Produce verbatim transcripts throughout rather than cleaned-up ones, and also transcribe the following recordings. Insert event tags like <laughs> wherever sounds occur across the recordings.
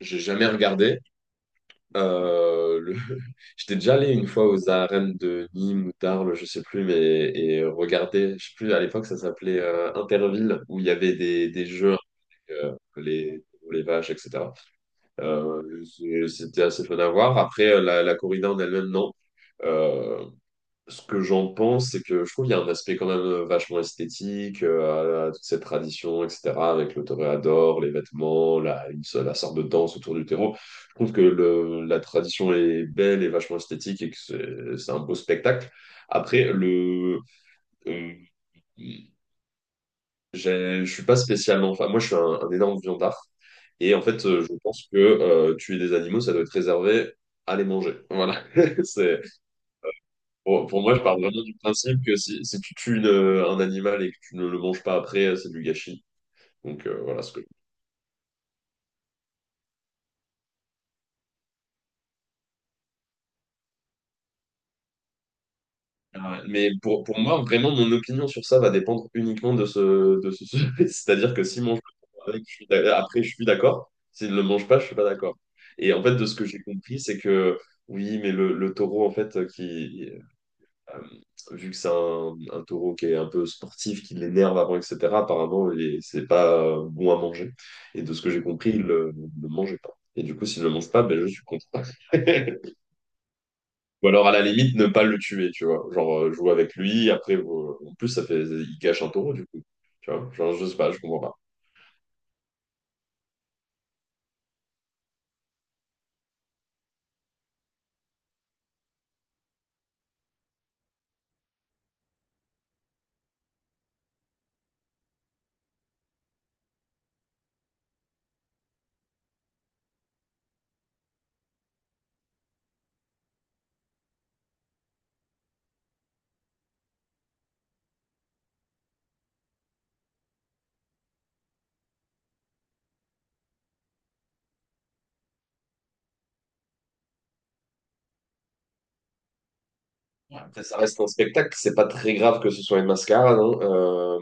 J'ai jamais regardé. Euh, le... <laughs> J'étais déjà allé une fois aux arènes de Nîmes ou d'Arles, je sais plus, mais et regarder, je sais plus, à l'époque ça s'appelait euh, Interville, où il y avait des, des jeux euh, les les vaches, et cetera. Euh, c'est- c'était assez fun à voir. Après, euh, la, la corrida en elle-même, non. Euh, Ce que j'en pense, c'est que je trouve qu'il y a un aspect quand même euh, vachement esthétique euh, à, à toute cette tradition, et cetera, avec le toréador, les vêtements, la, une, seule- la sorte de danse autour du terreau. Je trouve que le- la tradition est belle et vachement esthétique et que c'est c'est un beau spectacle. Après, le, euh, j'ai- je suis pas spécialement... Enfin, moi, je suis un, un énorme viandard. Et en fait, euh, je pense que euh, tuer des animaux, ça doit être réservé à les manger. Voilà. <laughs> C'est, pour, pour moi, je parle vraiment du principe que si, si tu tues une, euh, un animal et que tu ne le manges pas après, euh, c'est du gâchis. Donc euh, voilà ce que... Ah ouais. Mais pour, pour moi, vraiment, mon opinion sur ça va dépendre uniquement de ce, de ce sujet. <laughs> C'est-à-dire que s'il mange le avec, je suis d'a- après, je suis d'accord. S'il ne le mange pas, je suis pas d'accord. Et en fait, de ce que j'ai compris, c'est que oui, mais le, le taureau, en fait, euh, qui, Euh, vu que c'est un, un taureau qui est un peu sportif, qui l'énerve avant, et cetera, apparemment, il est- c'est pas euh, bon à manger. Et de ce que j'ai compris, il le- ne le mangeait pas. Et du coup, s'il ne le mange pas, ben, je suis contre. <laughs> Ou alors, à la limite, ne pas le tuer, tu vois. Genre, euh, jouer avec lui, après, euh, en plus, ça fait, il cache un taureau, du coup. Tu vois, genre, je sais pas, je comprends pas. Ouais. Après, ça reste un spectacle, c'est pas très grave que ce soit une mascarade, hein. Euh,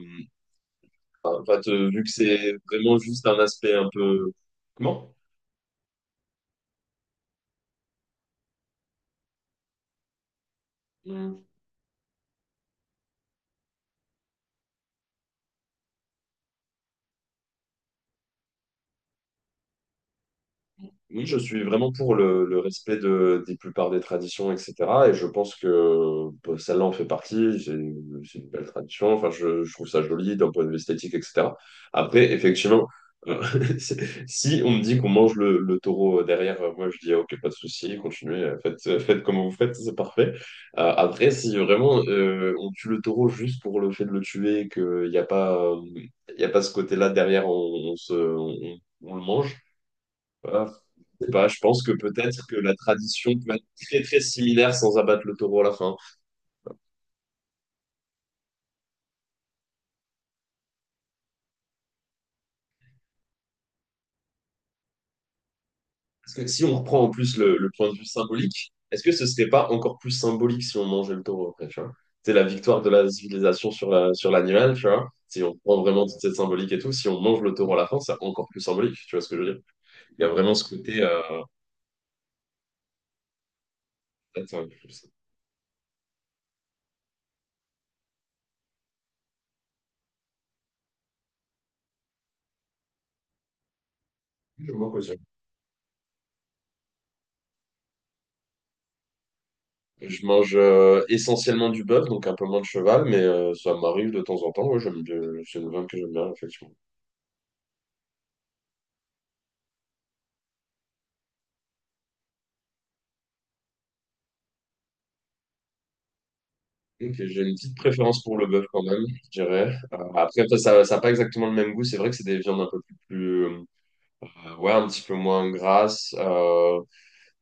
Enfin, en fait, euh, vu que c'est vraiment juste un aspect un peu... Comment? Oui, je suis vraiment pour le, le respect de, des plupart des traditions, et cetera. Et je pense que bah, celle-là en fait partie. C'est une c'est une belle tradition. Enfin, je, je trouve ça joli d'un point de vue esthétique, et cetera. Après, effectivement, euh, <laughs> c'est- si on me dit qu'on mange le, le taureau derrière, euh, moi je dis ah, ok, pas de souci, continuez, euh, faites, euh, faites comme vous faites, c'est parfait. Euh, après, si vraiment euh, on tue le taureau juste pour le fait de le tuer, et qu'il n'y a pas, euh, il y a pas ce côté-là derrière, on, on se, on on le mange. euh, je sais pas, je pense que peut-être que la tradition peut être très très similaire sans abattre le taureau à la fin. Parce que si on reprend en plus le, le point de vue symbolique, est-ce que ce serait pas encore plus symbolique si on mangeait le taureau après, tu vois? C'est la victoire de la civilisation sur la, sur l'animal, tu vois? Si on prend vraiment toute cette symbolique et tout, si on mange le taureau à la fin, c'est encore plus symbolique, tu vois ce que je veux dire? Il y a vraiment ce côté... euh, Attends, je sais. Je mange quoi, ça... Je mange euh, essentiellement du bœuf, donc un peu moins de cheval, mais euh, ça m'arrive de temps en temps. Ouais, j'aime bien, c'est une viande que j'aime bien, effectivement. Ok, j'ai une petite préférence pour le bœuf quand même, je dirais. Euh, après, ça, ça, ça a pas exactement le même goût. C'est vrai que c'est des viandes un peu plus, plus, euh, euh, ouais, un petit peu moins grasses. euh,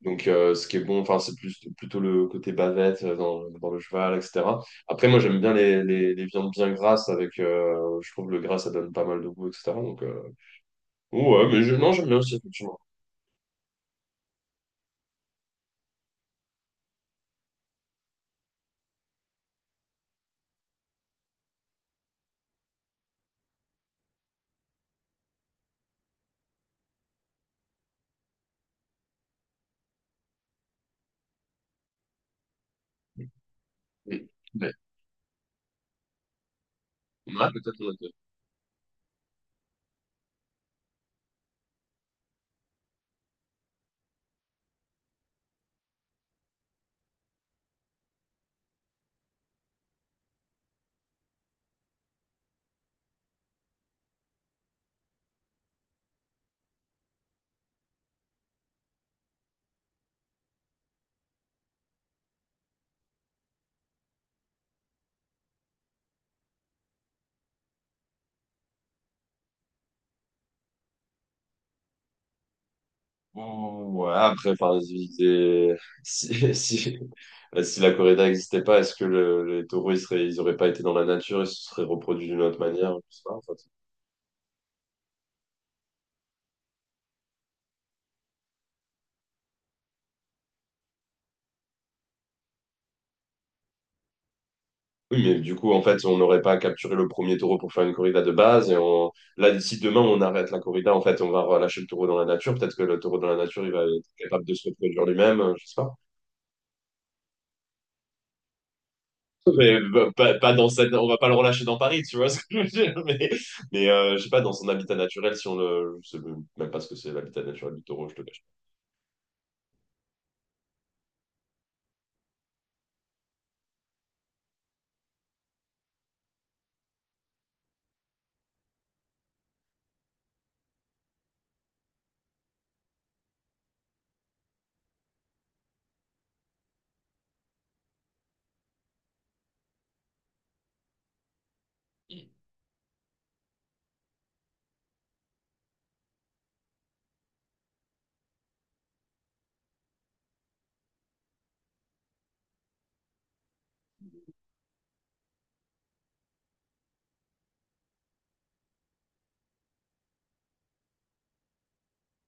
Donc, euh, ce qui est bon, enfin, c'est plus plutôt le côté bavette euh, dans, dans le cheval, et cetera. Après, moi, j'aime bien les, les, les viandes bien grasses avec. Euh, je trouve que le gras, ça donne pas mal de goût, et cetera. Donc, euh, ouais, mais je, non, j'aime bien aussi effectivement. Mm. Ouais. Ouais, peut-être. Ouh, ouais, après, enfin, si, <laughs> si, si, bah, si la corrida n'existait pas, est-ce que le- les taureaux, ils seraient, ils auraient pas été dans la nature, ils se seraient reproduits d'une autre manière? Je sais pas, en fait. Oui, mais du coup, en fait, on n'aurait pas capturé le premier taureau pour faire une corrida de base. Et on... là, d'ici demain, on arrête la corrida, en fait, on va relâcher le taureau dans la nature. Peut-être que le taureau dans la nature, il va être capable de se reproduire lui-même, euh, je sais pas. Mais bah, pas, pas dans cette, on va pas le relâcher dans Paris, tu vois ce que je veux dire. Mais, mais euh, je sais pas, dans son habitat naturel, si on le, je sais même pas ce que c'est l'habitat naturel du taureau, je te cache pas.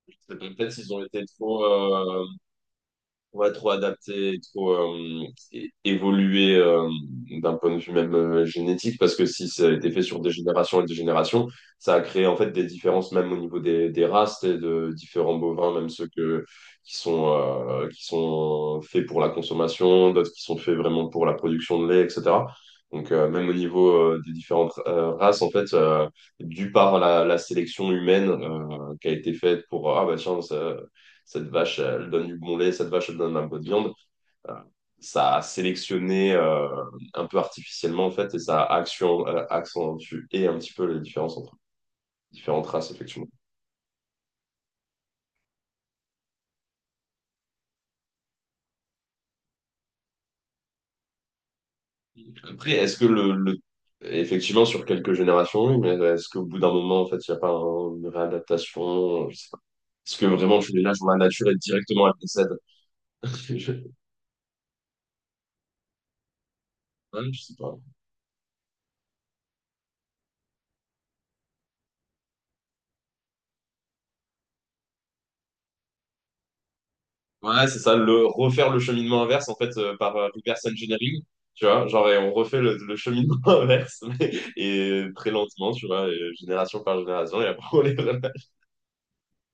Je sais pas, peut-être s'ils ont été trop... Ouais, trop adapté, trop euh, é- évolué euh, d'un point de vue même euh, génétique, parce que si ça a été fait sur des générations et des générations, ça a créé en fait des différences même au niveau des, des races et de différents bovins, même ceux que, qui sont, euh, qui sont faits pour la consommation, d'autres qui sont faits vraiment pour la production de lait, et cetera. Donc euh, même au niveau euh, des différentes euh, races, en fait, euh, dû par la, la sélection humaine euh, qui a été faite pour, ah bah tiens, ça, cette vache, elle donne du bon lait, cette vache, elle donne un peu de viande. Euh, Ça a sélectionné euh, un peu artificiellement, en fait, et ça a action, euh, accentué un petit peu les différences entre différentes races, effectivement. Après, est-ce que le, le- effectivement, sur quelques générations, oui, mais est-ce qu'au bout d'un moment, en fait, il n'y a pas un- une réadaptation? Je sais pas. Est-ce que vraiment tu les lâches dans la nature et directement elles décèdent? <laughs> Je, ouais, je sais pas. Ouais, c'est ça, le refaire le cheminement inverse en fait euh, par euh, reverse engineering, tu vois, genre et on refait le, le cheminement <laughs> inverse mais- et très lentement, tu vois, et génération par génération et après on les refait.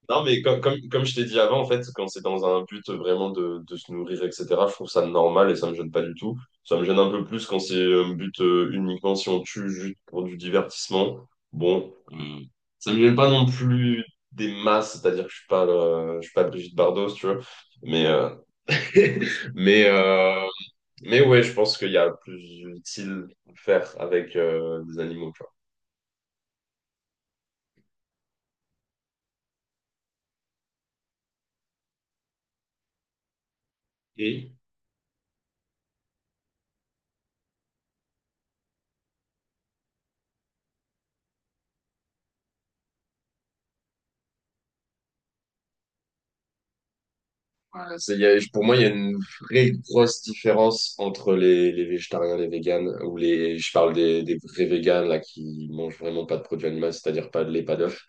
Non, mais comme, comme, comme je t'ai dit avant, en fait, quand c'est dans un but vraiment de, de se nourrir, et cetera, je trouve ça normal et ça me gêne pas du tout. Ça me gêne un peu plus quand c'est euh, un but euh, uniquement si on tue juste pour du divertissement. Bon, euh, ça me gêne pas non plus des masses, c'est-à-dire que je suis pas, euh, je suis pas Brigitte Bardot, si tu vois, mais euh, <laughs> Mais, euh, mais ouais, je pense qu'il y a plus utile à faire avec euh, des animaux, tu vois. Et voilà, c'est- il y a- pour moi, il y a une vraie grosse différence entre les, les végétariens, les véganes, ou les, je parle des, des vrais véganes, là, qui mangent vraiment pas de produits animaux, c'est-à-dire pas de lait, pas d'œufs.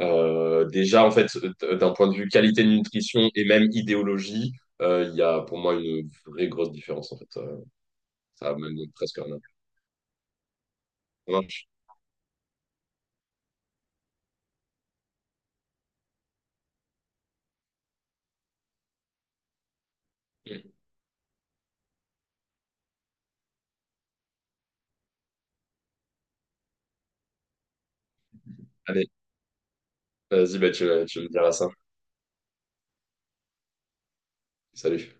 Euh, déjà, en fait, euh, d'un point de vue qualité de nutrition et même idéologie, euh, il y a pour moi une vraie grosse différence, en fait. Euh, Ça a même presque rien à voir. Ça marche. Allez, vas-y, bah, tu, tu me diras ça. Salut.